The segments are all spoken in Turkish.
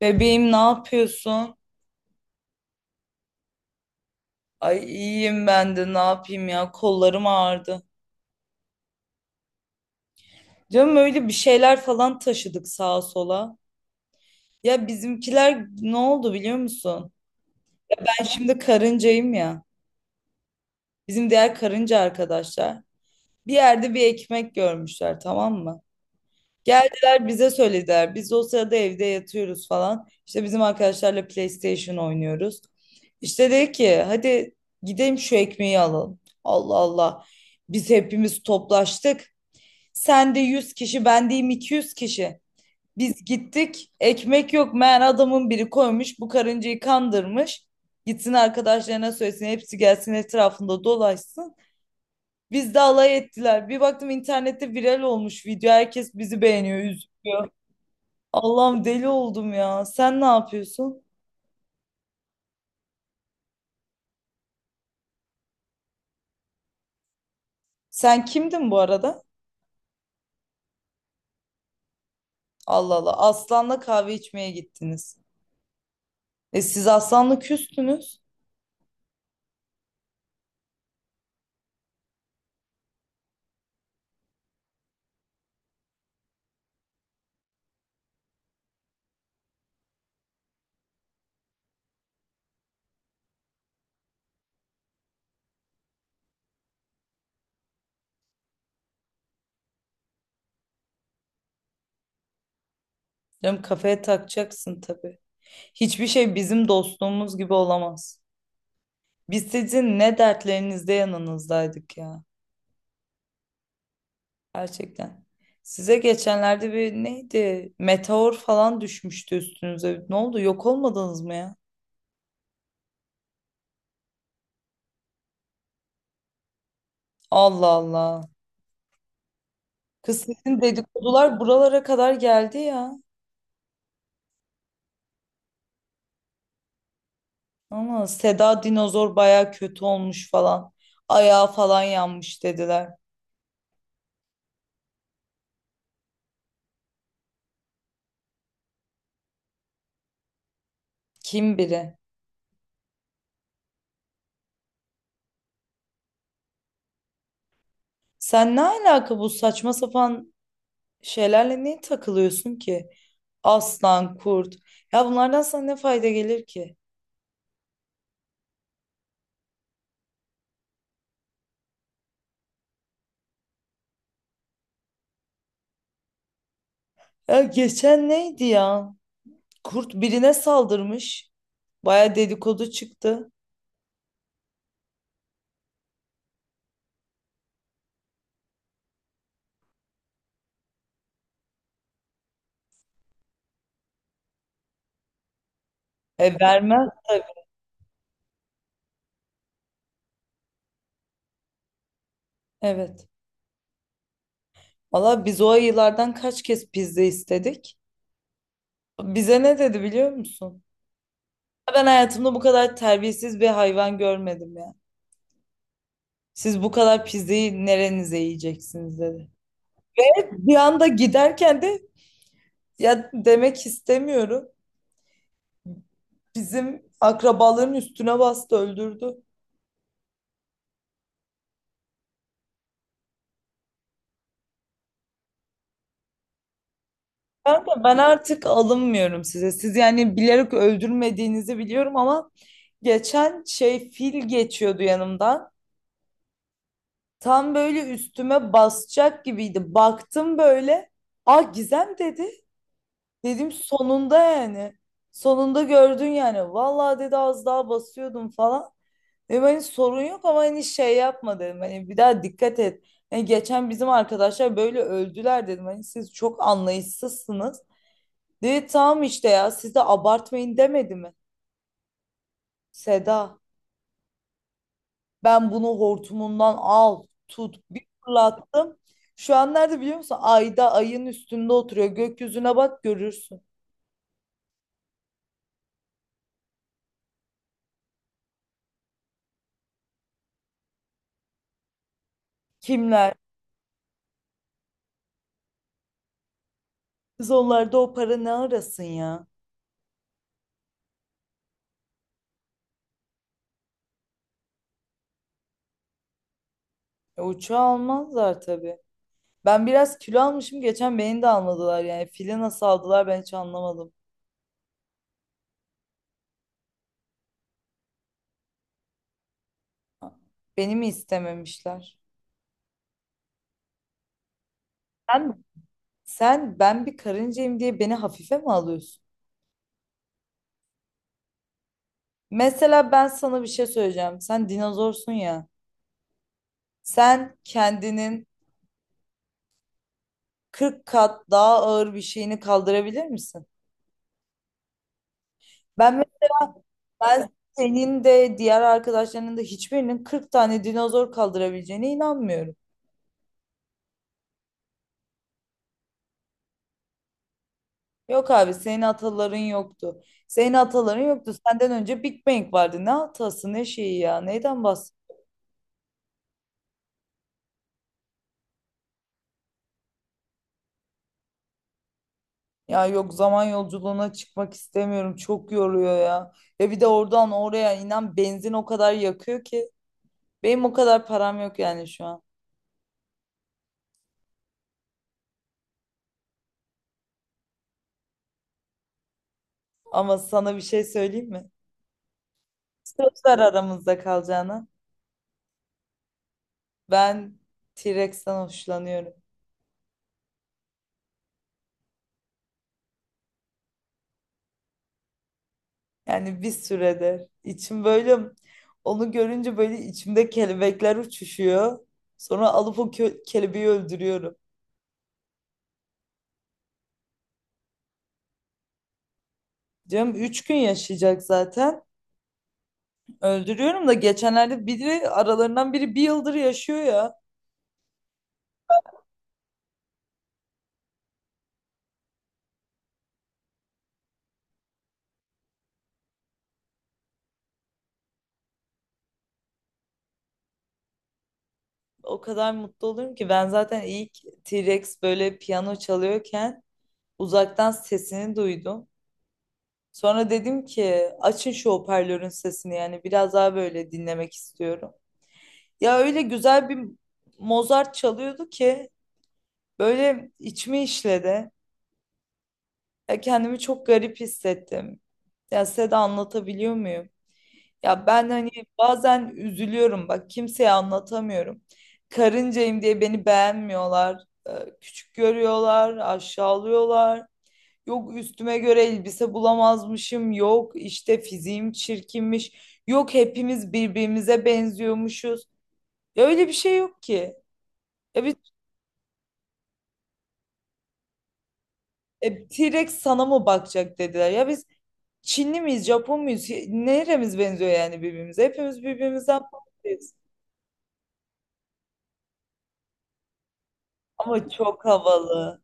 Bebeğim, ne yapıyorsun? Ay iyiyim, ben de ne yapayım ya, kollarım ağrıdı. Canım öyle bir şeyler falan taşıdık sağa sola. Ya bizimkiler ne oldu biliyor musun? Ben şimdi karıncayım ya. Bizim diğer karınca arkadaşlar bir yerde bir ekmek görmüşler, tamam mı? Geldiler bize söylediler. Biz o sırada evde yatıyoruz falan. İşte bizim arkadaşlarla PlayStation oynuyoruz. İşte dedi ki hadi gidelim şu ekmeği alalım. Allah Allah. Biz hepimiz toplaştık. Sen de 100 kişi, ben deyim 200 kişi. Biz gittik. Ekmek yok. Meğer adamın biri koymuş. Bu karıncayı kandırmış. Gitsin arkadaşlarına söylesin. Hepsi gelsin etrafında dolaşsın. Biz de alay ettiler. Bir baktım internette viral olmuş video. Herkes bizi beğeniyor, üzülüyor. Allah'ım deli oldum ya. Sen ne yapıyorsun? Sen kimdin bu arada? Allah Allah. Aslan'la kahve içmeye gittiniz. E siz Aslan'la küstünüz. Canım kafaya takacaksın tabii. Hiçbir şey bizim dostluğumuz gibi olamaz. Biz sizin ne dertlerinizde yanınızdaydık ya. Gerçekten. Size geçenlerde bir neydi? Meteor falan düşmüştü üstünüze. Ne oldu? Yok olmadınız mı ya? Allah Allah. Kız sizin dedikodular buralara kadar geldi ya. Ama Seda dinozor baya kötü olmuş falan. Ayağı falan yanmış dediler. Kim biri? Sen ne alaka bu saçma sapan şeylerle niye takılıyorsun ki? Aslan, kurt. Ya bunlardan sana ne fayda gelir ki? Ya geçen neydi ya? Kurt birine saldırmış. Baya dedikodu çıktı. E vermez. Evet. Valla biz o ayılardan kaç kez pizza istedik? Bize ne dedi biliyor musun? Ben hayatımda bu kadar terbiyesiz bir hayvan görmedim ya. Siz bu kadar pizzayı nerenize yiyeceksiniz dedi. Bir anda giderken de ya demek istemiyorum. Bizim akrabaların üstüne bastı öldürdü. Kanka ben artık alınmıyorum size. Siz yani bilerek öldürmediğinizi biliyorum ama geçen şey fil geçiyordu yanımdan. Tam böyle üstüme basacak gibiydi. Baktım böyle. Ah Gizem dedi. Dedim sonunda yani. Sonunda gördün yani. Vallahi dedi az daha basıyordum falan. Dedim hani sorun yok ama hani şey yapma dedim. Hani bir daha dikkat et. Hani geçen bizim arkadaşlar böyle öldüler dedim. Hani siz çok anlayışsızsınız. Dedi tamam işte, ya siz de abartmayın demedi mi? Seda ben bunu hortumundan al tut bir fırlattım. Şu an nerede biliyor musun? Ayda, ayın üstünde oturuyor. Gökyüzüne bak görürsün. Kimler? Kız onlarda o para ne arasın ya? E, uçağı almazlar tabii. Ben biraz kilo almışım. Geçen beni de almadılar yani. Fili nasıl aldılar ben hiç anlamadım. Beni mi istememişler? Sen, sen ben bir karıncayım diye beni hafife mi alıyorsun? Mesela ben sana bir şey söyleyeceğim. Sen dinozorsun ya. Sen kendinin 40 kat daha ağır bir şeyini kaldırabilir misin? Ben mesela ben senin de diğer arkadaşlarının da hiçbirinin 40 tane dinozor kaldırabileceğine inanmıyorum. Yok abi senin ataların yoktu. Senin ataların yoktu. Senden önce Big Bang vardı. Ne atası ne şeyi ya. Neyden bahs? Ya yok, zaman yolculuğuna çıkmak istemiyorum. Çok yoruyor ya. Ya bir de oradan oraya inan benzin o kadar yakıyor ki. Benim o kadar param yok yani şu an. Ama sana bir şey söyleyeyim mi? Sözler aramızda kalacağına. Ben T-Rex'ten hoşlanıyorum. Yani bir süredir. İçim böyle onu görünce böyle içimde kelebekler uçuşuyor. Sonra alıp o kelebeği öldürüyorum. Canım üç gün yaşayacak zaten. Öldürüyorum da geçenlerde biri aralarından biri bir yıldır yaşıyor ya. O kadar mutlu oluyorum ki ben zaten ilk T-Rex böyle piyano çalıyorken uzaktan sesini duydum. Sonra dedim ki açın şu hoparlörün sesini yani biraz daha böyle dinlemek istiyorum. Ya öyle güzel bir Mozart çalıyordu ki böyle içimi işledi. Ya kendimi çok garip hissettim. Ya size de anlatabiliyor muyum? Ya ben hani bazen üzülüyorum bak, kimseye anlatamıyorum. Karıncayım diye beni beğenmiyorlar. Ee, Küçük görüyorlar, aşağılıyorlar. Yok üstüme göre elbise bulamazmışım. Yok işte fiziğim çirkinmiş. Yok hepimiz birbirimize benziyormuşuz. Ya öyle bir şey yok ki. Ya biz T-Rex sana mı bakacak dediler. Ya biz Çinli miyiz, Japon muyuz? Neremiz benziyor yani birbirimize? Hepimiz birbirimizden farklıyız. Ama çok havalı.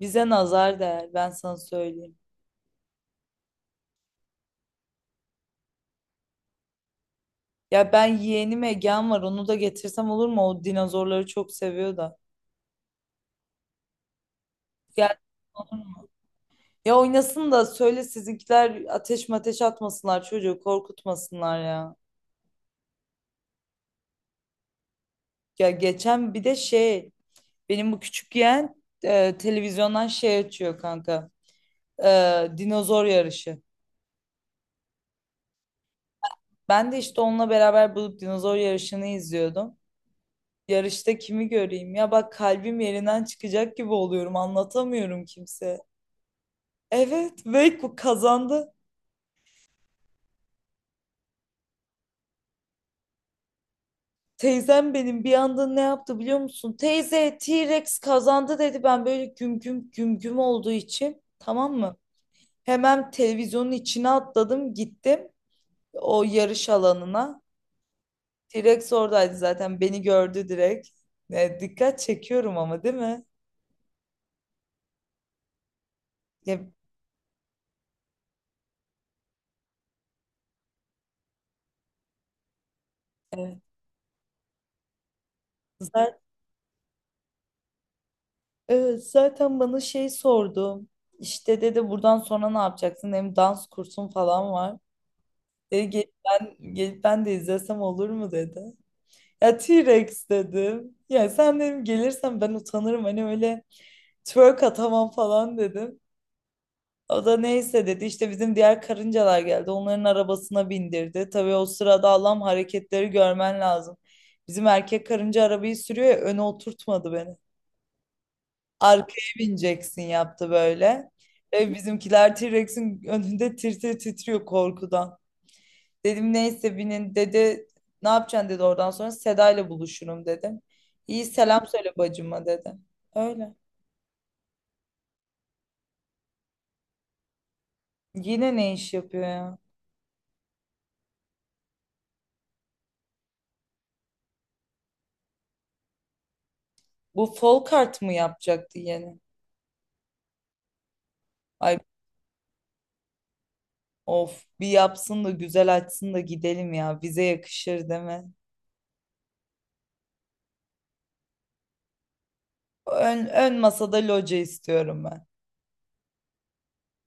Bize nazar değer, ben sana söyleyeyim. Ya ben yeğenim Egehan var, onu da getirsem olur mu? O dinozorları çok seviyor da. Gel olur mu? Ya oynasın da söyle sizinkiler ateş mateş atmasınlar, çocuğu korkutmasınlar ya. Ya geçen bir de şey, benim bu küçük yeğen televizyondan şey açıyor kanka. Dinozor yarışı. Ben de işte onunla beraber bulup dinozor yarışını izliyordum. Yarışta kimi göreyim? Ya bak kalbim yerinden çıkacak gibi oluyorum. Anlatamıyorum kimseye. Evet ve bu kazandı. Teyzem benim bir anda ne yaptı biliyor musun? Teyze T-Rex kazandı dedi. Ben böyle güm güm güm güm olduğu için, tamam mı? Hemen televizyonun içine atladım gittim o yarış alanına. T-Rex oradaydı zaten beni gördü direkt. Dikkat çekiyorum ama değil mi? Ya, evet. Zaten, evet, zaten bana şey sordu. İşte dedi buradan sonra ne yapacaksın? Hem dans kursun falan var. Dedi gelip ben de izlesem olur mu dedi. Ya T-Rex dedim. Ya sen dedim gelirsen ben utanırım. Hani öyle twerk atamam falan dedim. O da neyse dedi. İşte bizim diğer karıncalar geldi. Onların arabasına bindirdi. Tabii o sırada Allah'ım hareketleri görmen lazım. Bizim erkek karınca arabayı sürüyor ya, öne oturtmadı beni. Arkaya bineceksin yaptı böyle. Ve bizimkiler T-Rex'in önünde tir tir titriyor korkudan. Dedim neyse binin dedi. Ne yapacaksın dedi, oradan sonra Seda ile buluşurum dedim. İyi selam söyle bacıma dedi. Öyle. Yine ne iş yapıyor ya? Bu Folkart mı yapacaktı yeni? Ay of, bir yapsın da güzel açsın da gidelim ya. Bize yakışır değil mi? Ön masada loca istiyorum ben.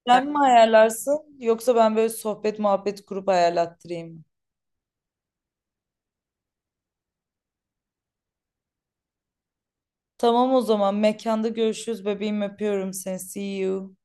Sen mi ayarlarsın yoksa ben böyle sohbet muhabbet kurup ayarlattırayım mı? Tamam o zaman mekanda görüşürüz bebeğim, öpüyorum seni. See you.